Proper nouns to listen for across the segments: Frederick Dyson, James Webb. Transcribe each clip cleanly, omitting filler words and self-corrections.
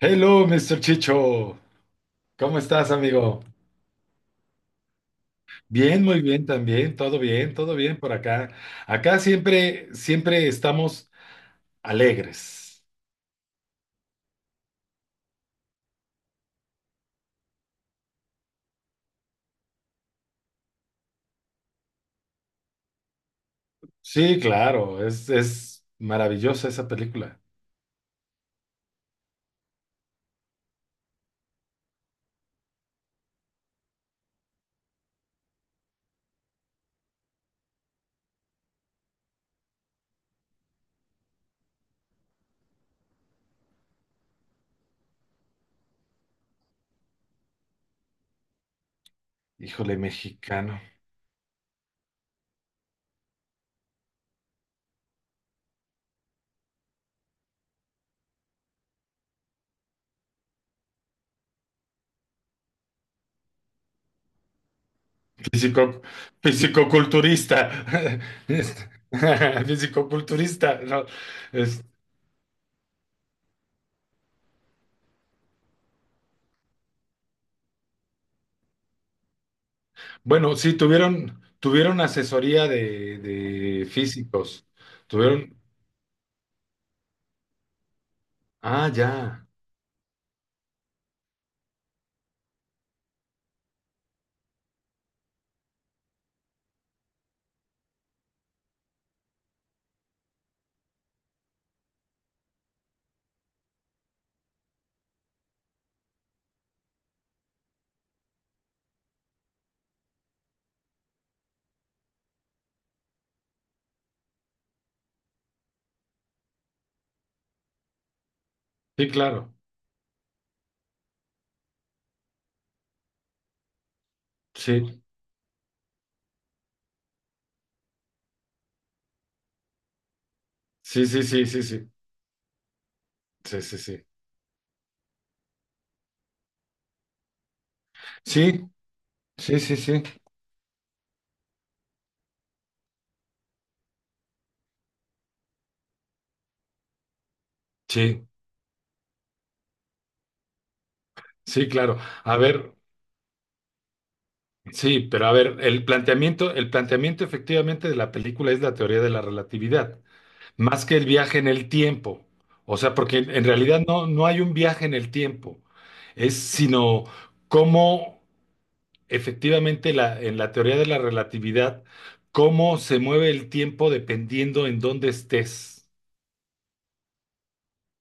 Hello, Mr. Chicho. ¿Cómo estás, amigo? Bien, muy bien también. Todo bien por acá. Acá siempre, siempre estamos alegres. Sí, claro, es maravillosa esa película. Híjole, mexicano. Físico, fisicoculturista. Este, Fisicoculturista. No, es- bueno, sí, tuvieron asesoría de físicos. Tuvieron. Ah, ya. Sí, claro. Sí. Sí, sí, sí, sí, sí, sí, sí, sí. Sí, sí, sí, sí, sí, sí, claro. A ver, sí, pero a ver, el planteamiento efectivamente de la película es la teoría de la relatividad, más que el viaje en el tiempo. O sea, porque en realidad no hay un viaje en el tiempo, es sino cómo efectivamente en la teoría de la relatividad, cómo se mueve el tiempo dependiendo en dónde estés,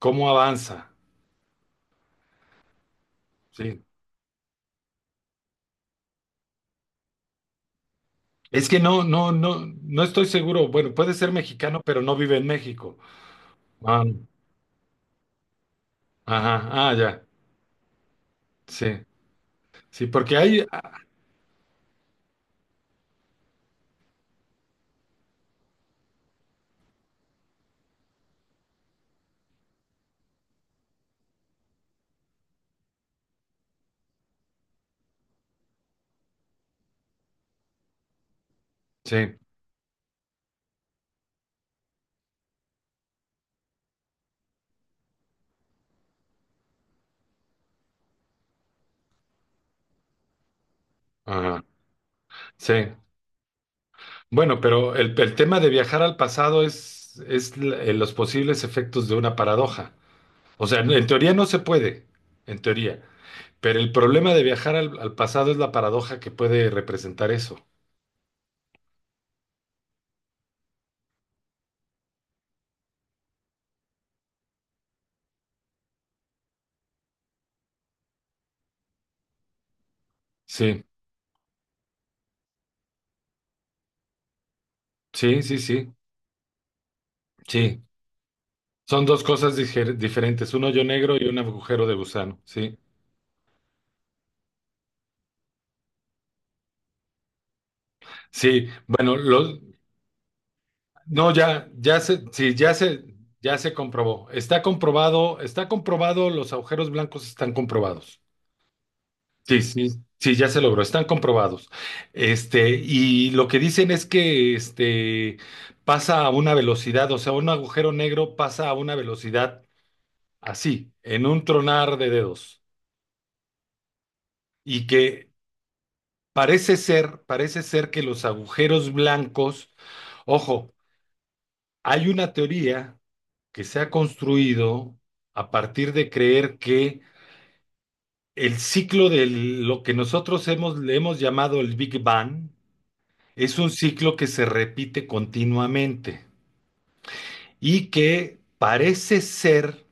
cómo avanza. Sí. Es que no, no, no, no estoy seguro. Bueno, puede ser mexicano, pero no vive en México. Ah, ajá, ah, ya. Sí, sí, porque hay. Sí, ajá, sí. Bueno, pero el tema de viajar al pasado es los posibles efectos de una paradoja. O sea, en teoría no se puede, en teoría. Pero el problema de viajar al pasado es la paradoja que puede representar eso. Sí, sí, sí, sí, sí. Son dos cosas diferentes, un hoyo negro y un agujero de gusano, sí. Sí, bueno, no, sí, ya se comprobó. Está comprobado, los agujeros blancos están comprobados. Sí, sí, sí, ya se logró, están comprobados. Y lo que dicen es que pasa a una velocidad, o sea, un agujero negro pasa a una velocidad así, en un tronar de dedos. Y que parece ser que los agujeros blancos, ojo, hay una teoría que se ha construido a partir de creer que el ciclo de lo que nosotros le hemos llamado el Big Bang es un ciclo que se repite continuamente y que parece ser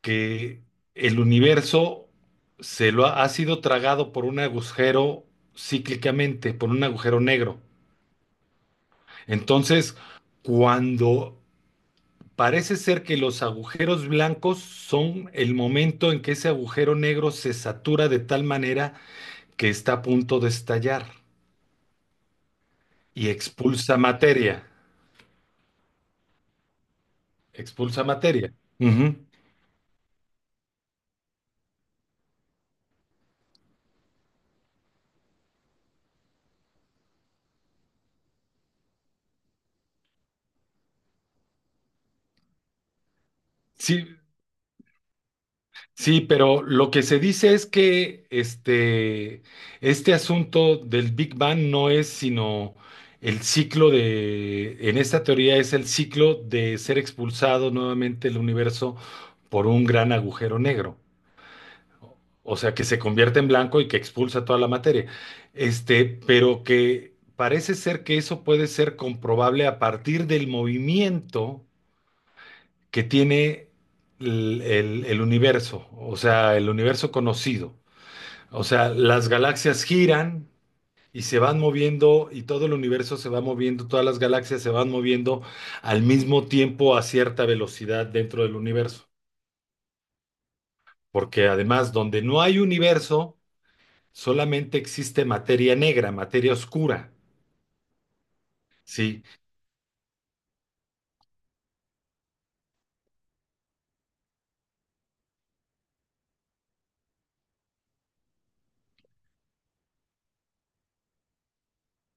que el universo ha sido tragado por un agujero cíclicamente, por un agujero negro. Entonces, cuando parece ser que los agujeros blancos son el momento en que ese agujero negro se satura de tal manera que está a punto de estallar y expulsa materia. Expulsa materia. Ujú. Sí, sí, pero lo que se dice es que este asunto del Big Bang no es sino el ciclo en esta teoría es el ciclo de ser expulsado nuevamente el universo por un gran agujero negro. O sea, que se convierte en blanco y que expulsa toda la materia. Pero que parece ser que eso puede ser comprobable a partir del movimiento que tiene el universo, o sea, el universo conocido. O sea, las galaxias giran y se van moviendo y todo el universo se va moviendo, todas las galaxias se van moviendo al mismo tiempo a cierta velocidad dentro del universo. Porque además, donde no hay universo, solamente existe materia negra, materia oscura. Sí,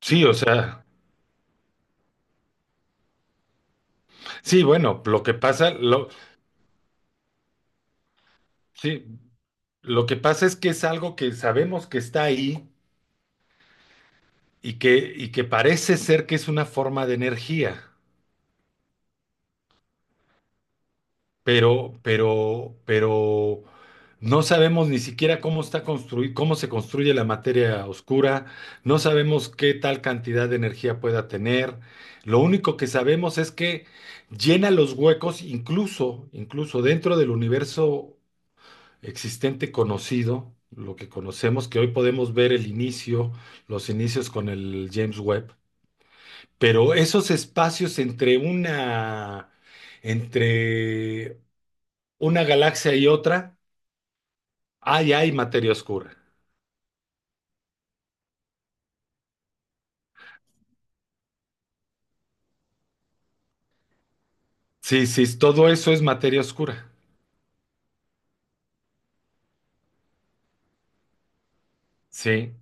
sí, o sea, sí, bueno, lo que pasa, lo, sí, lo que pasa es que es algo que sabemos que está ahí y que parece ser que es una forma de energía. Pero no sabemos ni siquiera cómo está construido, cómo se construye la materia oscura, no sabemos qué tal cantidad de energía pueda tener. Lo único que sabemos es que llena los huecos, incluso dentro del universo existente conocido, lo que conocemos, que hoy podemos ver el inicio, los inicios con el James Webb. Pero esos espacios entre una galaxia y otra, ahí hay materia oscura. Sí, sí, todo eso es materia oscura. Sí,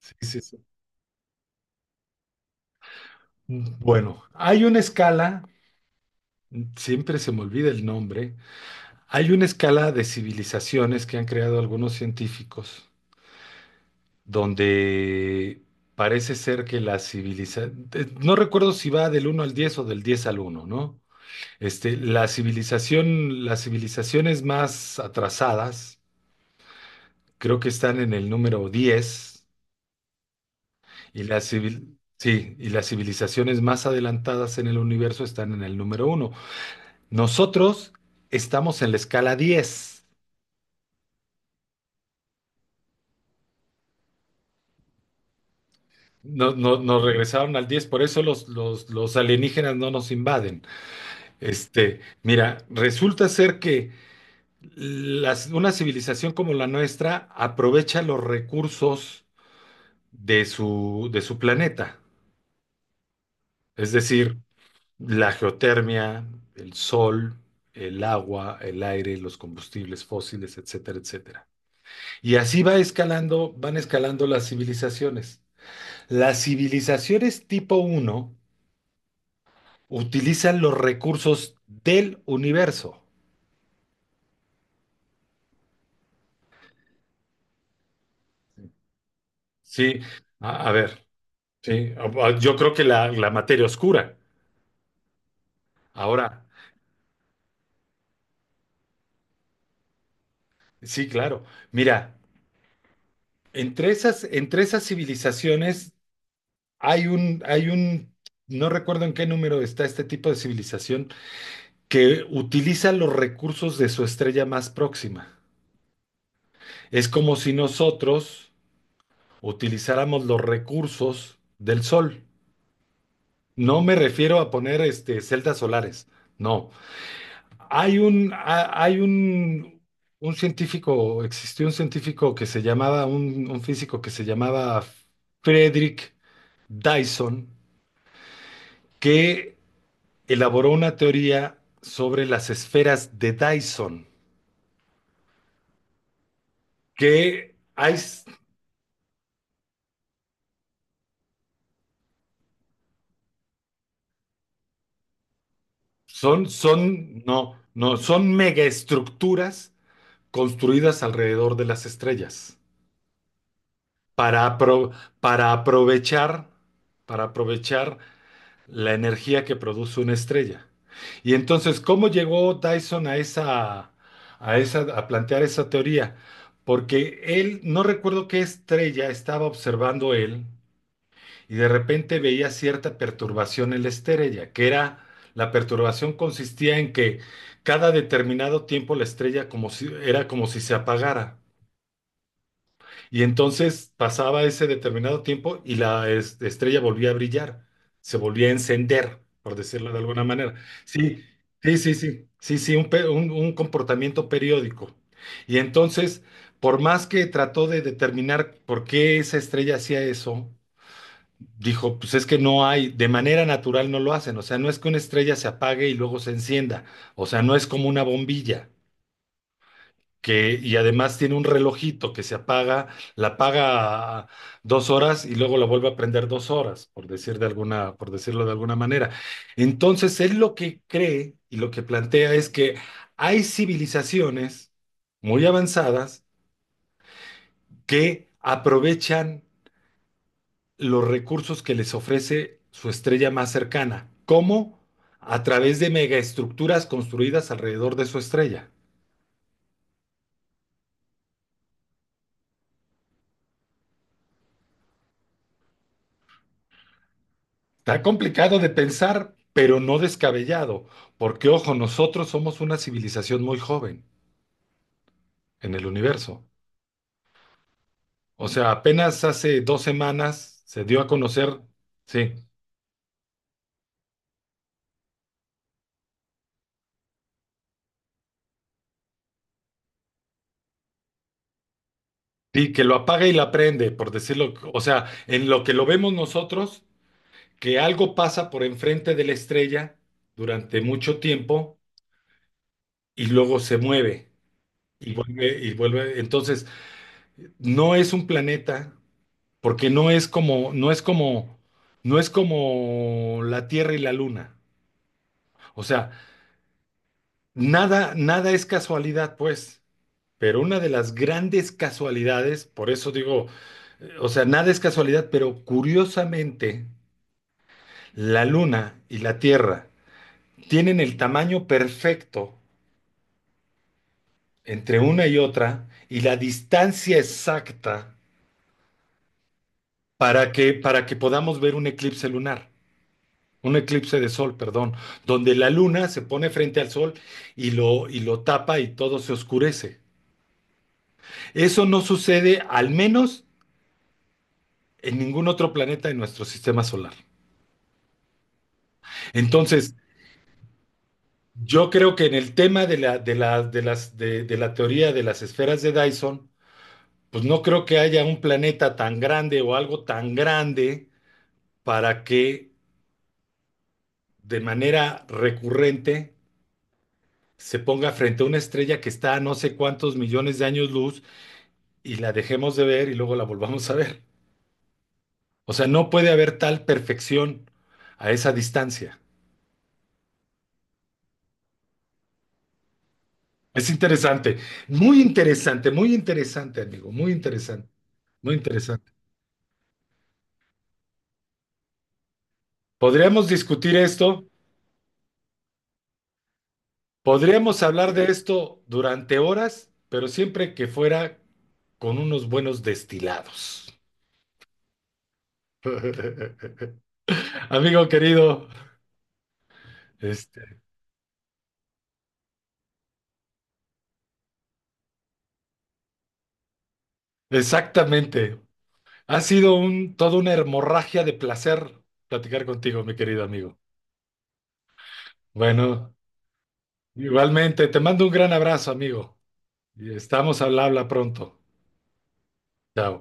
sí, sí, sí. Bueno, hay una escala, siempre se me olvida el nombre, hay una escala de civilizaciones que han creado algunos científicos, donde parece ser que la civilización, no recuerdo si va del uno al 10 o del 10 al uno, ¿no? Las civilizaciones más atrasadas, creo que están en el número 10. Sí, y las civilizaciones más adelantadas en el universo están en el número uno. Nosotros estamos en la escala 10. Nos regresaron al 10 por eso los alienígenas no nos invaden. Mira, resulta ser que una civilización como la nuestra aprovecha los recursos de su planeta. Es decir, la geotermia, el sol, el agua, el aire, los combustibles fósiles, etcétera, etcétera. Y así van escalando las civilizaciones. Las civilizaciones tipo uno utilizan los recursos del universo. Sí, a ver, sí, yo creo que la materia oscura. Ahora, sí, claro. Mira, entre esas civilizaciones hay un, hay un, no recuerdo en qué número está este tipo de civilización que utiliza los recursos de su estrella más próxima. Es como si nosotros utilizáramos los recursos del Sol. No me refiero a poner celdas solares, no. Hay un, ha- hay un científico, Existió un científico que se llamaba, un físico que se llamaba Frederick Dyson, que elaboró una teoría sobre las esferas de Dyson, que hay, son, son, no, no, son megaestructuras construidas alrededor de las estrellas para, apro- para aprovechar, para aprovechar la energía que produce una estrella. Y entonces, ¿cómo llegó Dyson a plantear esa teoría? Porque él, no recuerdo qué estrella estaba observando él, y de repente veía cierta perturbación en la estrella, la perturbación consistía en que cada determinado tiempo la estrella como si, era como si se apagara. Y entonces pasaba ese determinado tiempo y la estrella volvía a brillar, se volvía a encender, por decirlo de alguna manera. Sí, sí, sí, sí, sí, sí, un comportamiento periódico. Y entonces, por más que trató de determinar por qué esa estrella hacía eso, dijo, pues es que no hay, de manera natural no lo hacen, o sea, no es que una estrella se apague y luego se encienda, o sea, no es como una bombilla, y además tiene un relojito que se apaga, la apaga 2 horas y luego la vuelve a prender 2 horas, por decirlo de alguna manera. Entonces, él lo que cree y lo que plantea es que hay civilizaciones muy avanzadas que aprovechan los recursos que les ofrece su estrella más cercana. ¿Cómo? A través de megaestructuras construidas alrededor de su estrella. Está complicado de pensar, pero no descabellado, porque ojo, nosotros somos una civilización muy joven en el universo. O sea, apenas hace 2 semanas se dio a conocer, sí, sí, que lo apaga y la prende, por decirlo, o sea, en lo que lo vemos nosotros, que algo pasa por enfrente de la estrella durante mucho tiempo y luego se mueve y vuelve y vuelve. Entonces, no es un planeta porque no es como la Tierra y la Luna. O sea, nada, nada es casualidad, pues. Pero una de las grandes casualidades, por eso digo, o sea, nada es casualidad, pero curiosamente, la Luna y la Tierra tienen el tamaño perfecto entre una y otra y la distancia exacta para que podamos ver un eclipse lunar, un eclipse de sol, perdón, donde la luna se pone frente al sol y lo tapa y todo se oscurece. Eso no sucede al menos en ningún otro planeta de nuestro sistema solar. Entonces, yo creo que en el tema de la, de la, de las, de la teoría de las esferas de Dyson, pues no creo que haya un planeta tan grande o algo tan grande para que de manera recurrente se ponga frente a una estrella que está a no sé cuántos millones de años luz y la dejemos de ver y luego la volvamos a ver. O sea, no puede haber tal perfección a esa distancia. Es interesante, muy interesante, muy interesante, amigo, muy interesante, muy interesante. Podríamos discutir esto, podríamos hablar de esto durante horas, pero siempre que fuera con unos buenos destilados. Amigo querido, este, exactamente. Ha sido toda una hemorragia de placer platicar contigo, mi querido amigo. Bueno, igualmente, te mando un gran abrazo, amigo. Y estamos al habla pronto. Chao.